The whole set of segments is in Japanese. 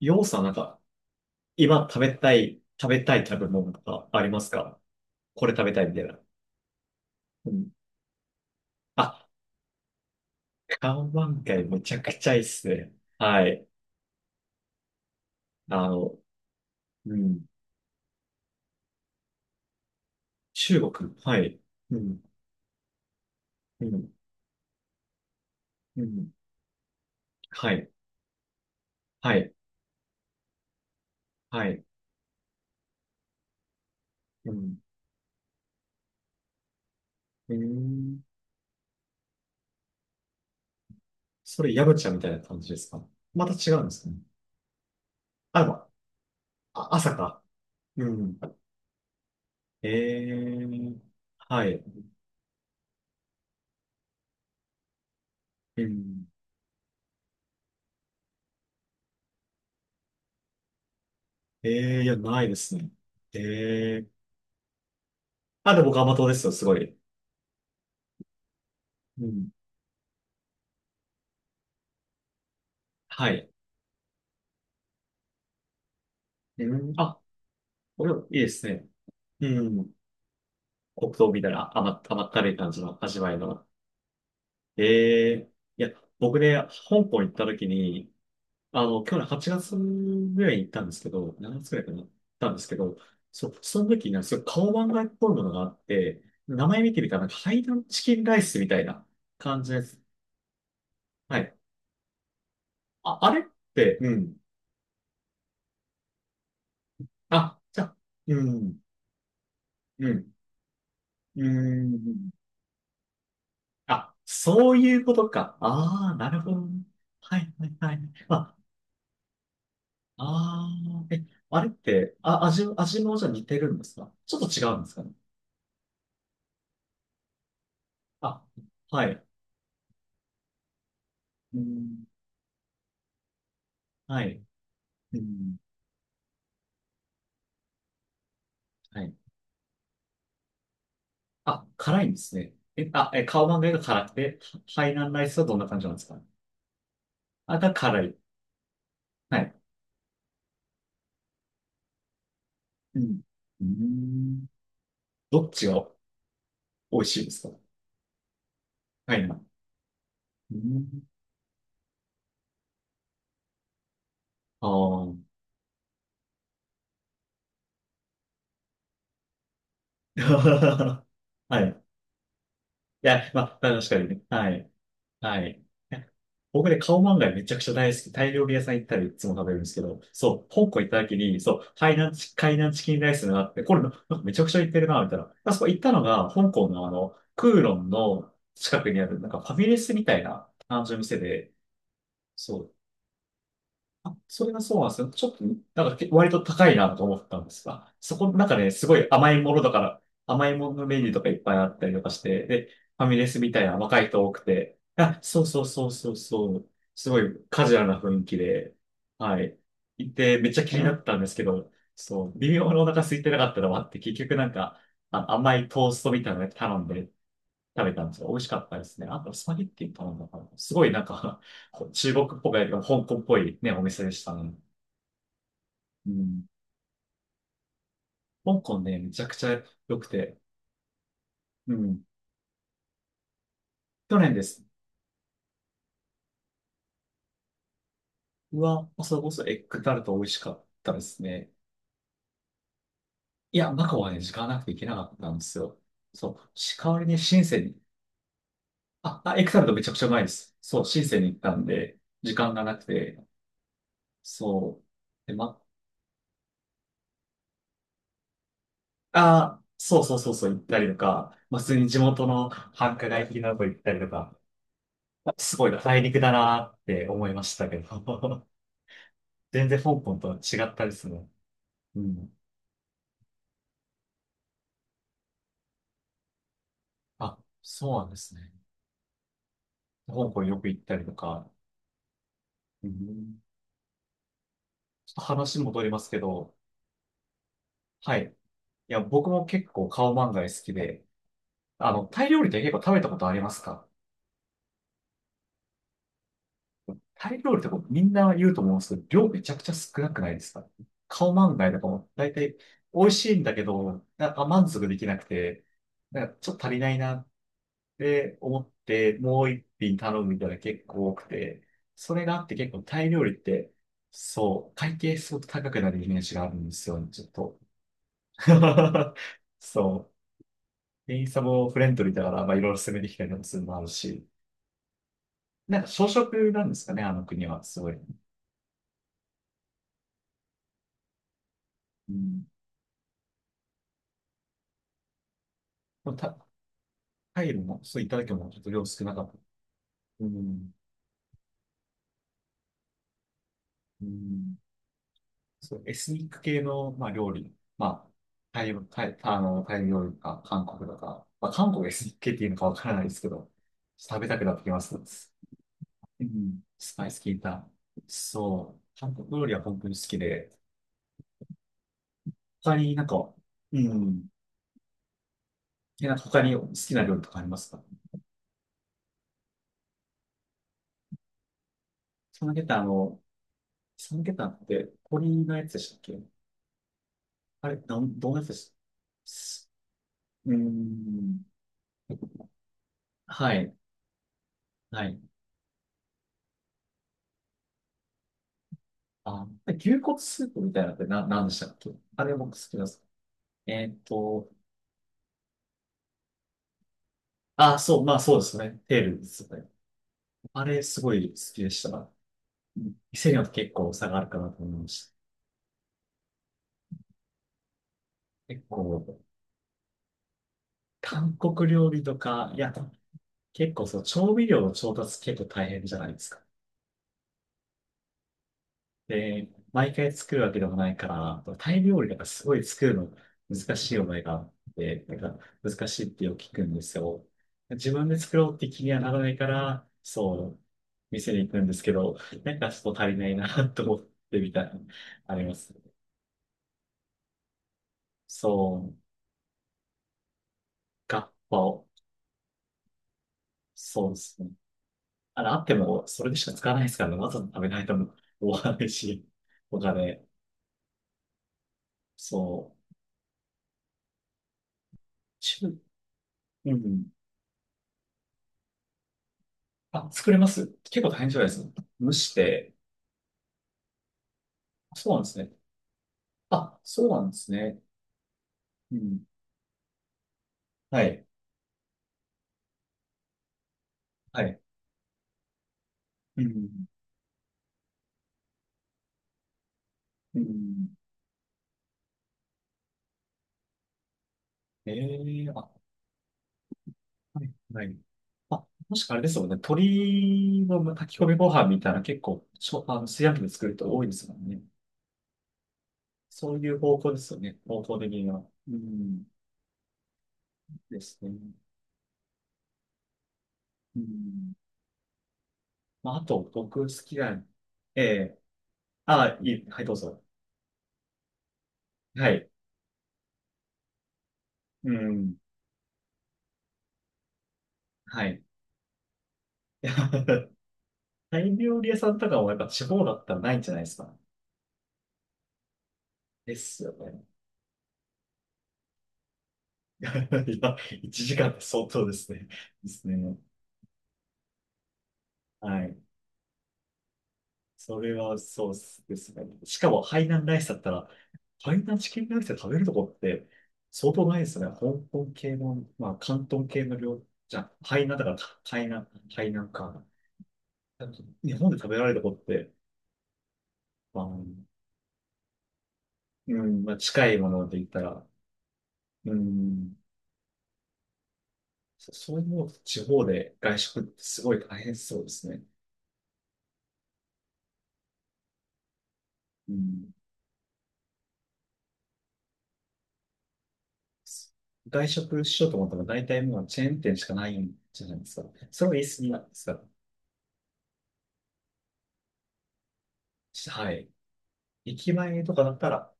要素はなんか、今食べたい食べ物とかありますか？これ食べたいみたいな。うん。あ、カオマンガイめちゃくちゃいいっすね。はい。あの、うん。中国。はい。うん。うん。うん。はい。はい。はい。うん。うーん。それ、ヤムチャみたいな感じですか？また違うんですかね。あ、でもあ、朝か。うん。ええー。はい。うん。ええー、いや、ないですね。ええあ、でも僕甘党ですよ、すごい。うん。はい。うん。あ、これいいですね。うん。黒糖みたいな甘ったるい感じの味わいの。ええいや、僕ね、香港行った時に、あの、去年8月ぐらいに行ったんですけど、7月ぐらいかな、行ったんですけど、その時にね、すごい顔漫画っぽいものがあって、名前見てみたら、なんかハイダンチキンライスみたいな感じです。はい。あ、あれって、うん。あ、じゃあ、うん、うん、うん。あ、そういうことか。ああ、なるほど。はいはいはい。あ、ああ、え、あれって、あ、味もじゃあ似てるんですか？ちょっと違うんですかね。あ、はい。うん、はい。うん、はい。あ、辛いんですね。え、あ、え、カオマンガイが辛くて、ハイナンライスはどんな感じなんですか？あ、が辛い。はい。うん。うーん。どっちが美味しいですか？はい、うん。ああ。はい。いや、まあ、確かにね。はい。はい。僕ね、カオマンガイめちゃくちゃ大好き。タイ料理屋さん行ったらいつも食べるんですけど、そう、香港行った時に、そう、海南チキンライスがあって、これ、なんかめちゃくちゃ行ってるな、みたいな。あそこ行ったのが、香港のあの、クーロンの近くにある、なんかファミレスみたいな感じの店で、そう、あ、それがそうなんですよ。ちょっと、なんかけ割と高いなと思ったんですが、そこの中で、ねすごい甘いものだから、甘いものメニューとかいっぱいあったりとかして、で、ファミレスみたいな若い人多くて、あ、そうそうそうそうそう、すごいカジュアルな雰囲気で、はい。行って、めっちゃ気になったんですけど、そう、微妙にお腹空いてなかったのもあって、結局なんか、あ、甘いトーストみたいなの頼んで、食べたんですよ。美味しかったですね。あと、スパゲッティ頼んだから、すごいなんか こう中国っぽく香港っぽいね、お店でしたね。うん。香港ね、めちゃくちゃ良くて。うん。去年です。うわ、それこそエッグタルト美味しかったですね。いや、マカオはね、時間なくて行けなかったんですよ。そう。し、代わりに深センに。あ、あ、エッグタルトめちゃくちゃうまいです。そう、深センに行ったんで、時間がなくて。そう。で、マあ、そうそうそうそう行ったりとか、まあ、普通に地元の繁華街的なとこ行ったりとか、すごいな大陸だなって思いましたけど、全然香港とは違ったですね。うん。あ、そうなんですね。香港よく行ったりとか、うん、ちょっと話戻りますけど、はい。いや、僕も結構カオマンガイ好きで、あの、タイ料理って結構食べたことありますか？タイ料理ってこうみんな言うと思うんですけど、量めちゃくちゃ少なくないですか？顔満画とかも大体美味しいんだけど、なんか満足できなくて、なんかちょっと足りないなって思って、もう一品頼むみたいな結構多くて、それがあって結構タイ料理って、そう、会計すごく高くなるイメージがあるんですよね、ちょっと。そう。店員さんもフレンドリーだから、まあいろいろ攻めてきたりもするのもあるし、なんか小食なんですかね、あの国は、すごい。うんタイルも、そういっただけもちょっと量少なかった。うん。うん。そう、エスニック系の、まあ、料理。まあ、タイ、タイ、あの、タイ料理か、韓国とか、まあ、韓国エスニック系っていうのかわからないですけど、食べたくなってきます。うん。スパイス効いた。そう。韓国料理は本当に好きで、他になんか、うん。え、なんか他に好きな料理とかありますか？サムゲタン、あの、サムゲタンって鳥のやつでしたっけ？あれ、どんなやつでしたすうーん。はい。はい。あ、牛骨スープみたいなのって何でしたっけ？あれ僕好きです。えーっと、あ、そう、まあそうですね。テールですね。あれすごい好きでした。店によって結構差があるかなと思いました。結構、韓国料理とか、いや、結構そう、調味料の調達結構大変じゃないですか？で、毎回作るわけでもないから、タイ料理とかすごい作るの難しいおいがあって、なんか難しいってよく聞くんですよ。自分で作ろうって気にはならないから、そう、店に行くんですけど、なんかちょっと足りないなと思ってみたいな、あります。そう、ガッパを、そうですね。あれ、あっても、それでしか使わないですからね。わざわざ食べないとも終わらないし、お金、そう、中、うん。あ、作れます結構大変じゃないですか？蒸して、そうなんですね。あ、そうなんですね。うん。はい。はい。うん。うん。ええあ、はい。はい。あ、もしかあれですよね。鶏の炊き込みご飯みたいな結構、しょ、あの、炊飯器で作る人多いですもんね。そういう方向ですよね。方向的には。うん。ですね。うん。まあ、あと、僕好きな、ええあ、いい。はい、どうぞ。はい。うん。はい。タイ料理屋さんとかもやっぱ地方だったらないんじゃないですか？ですよね。いや、1時間って相当ですね。ですね。はい。それはそうですね。しかも、ハイナンライスだったら、ハイナンチキンライスで食べるとこって相当ないですよね。香港系の、まあ、広東系の料、じゃあ、ハイナンだから、ハイナン、ハイナンか。日本で食べられるとこって、まあ、うん、まあ、近いもので言ったら、うん、そういうの地方で外食ってすごい大変そうですね。うん。外食しようと思ったら大体もうチェーン店しかないんじゃないですか？それは言い過ぎなんですが。はい。駅前とかだったら、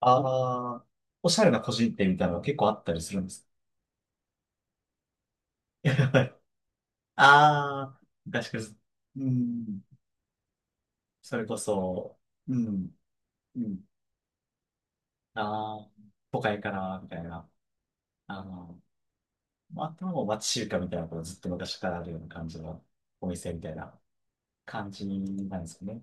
ああ、おしゃれな個人店みたいなのが結構あったりするんです。ああ、外食、うん。それこそ、うん、うん。ああ、都会から、みたいな。あの、まああとはもう町中華みたいなことずっと昔からあるような感じのお店みたいな。感じなんですよね。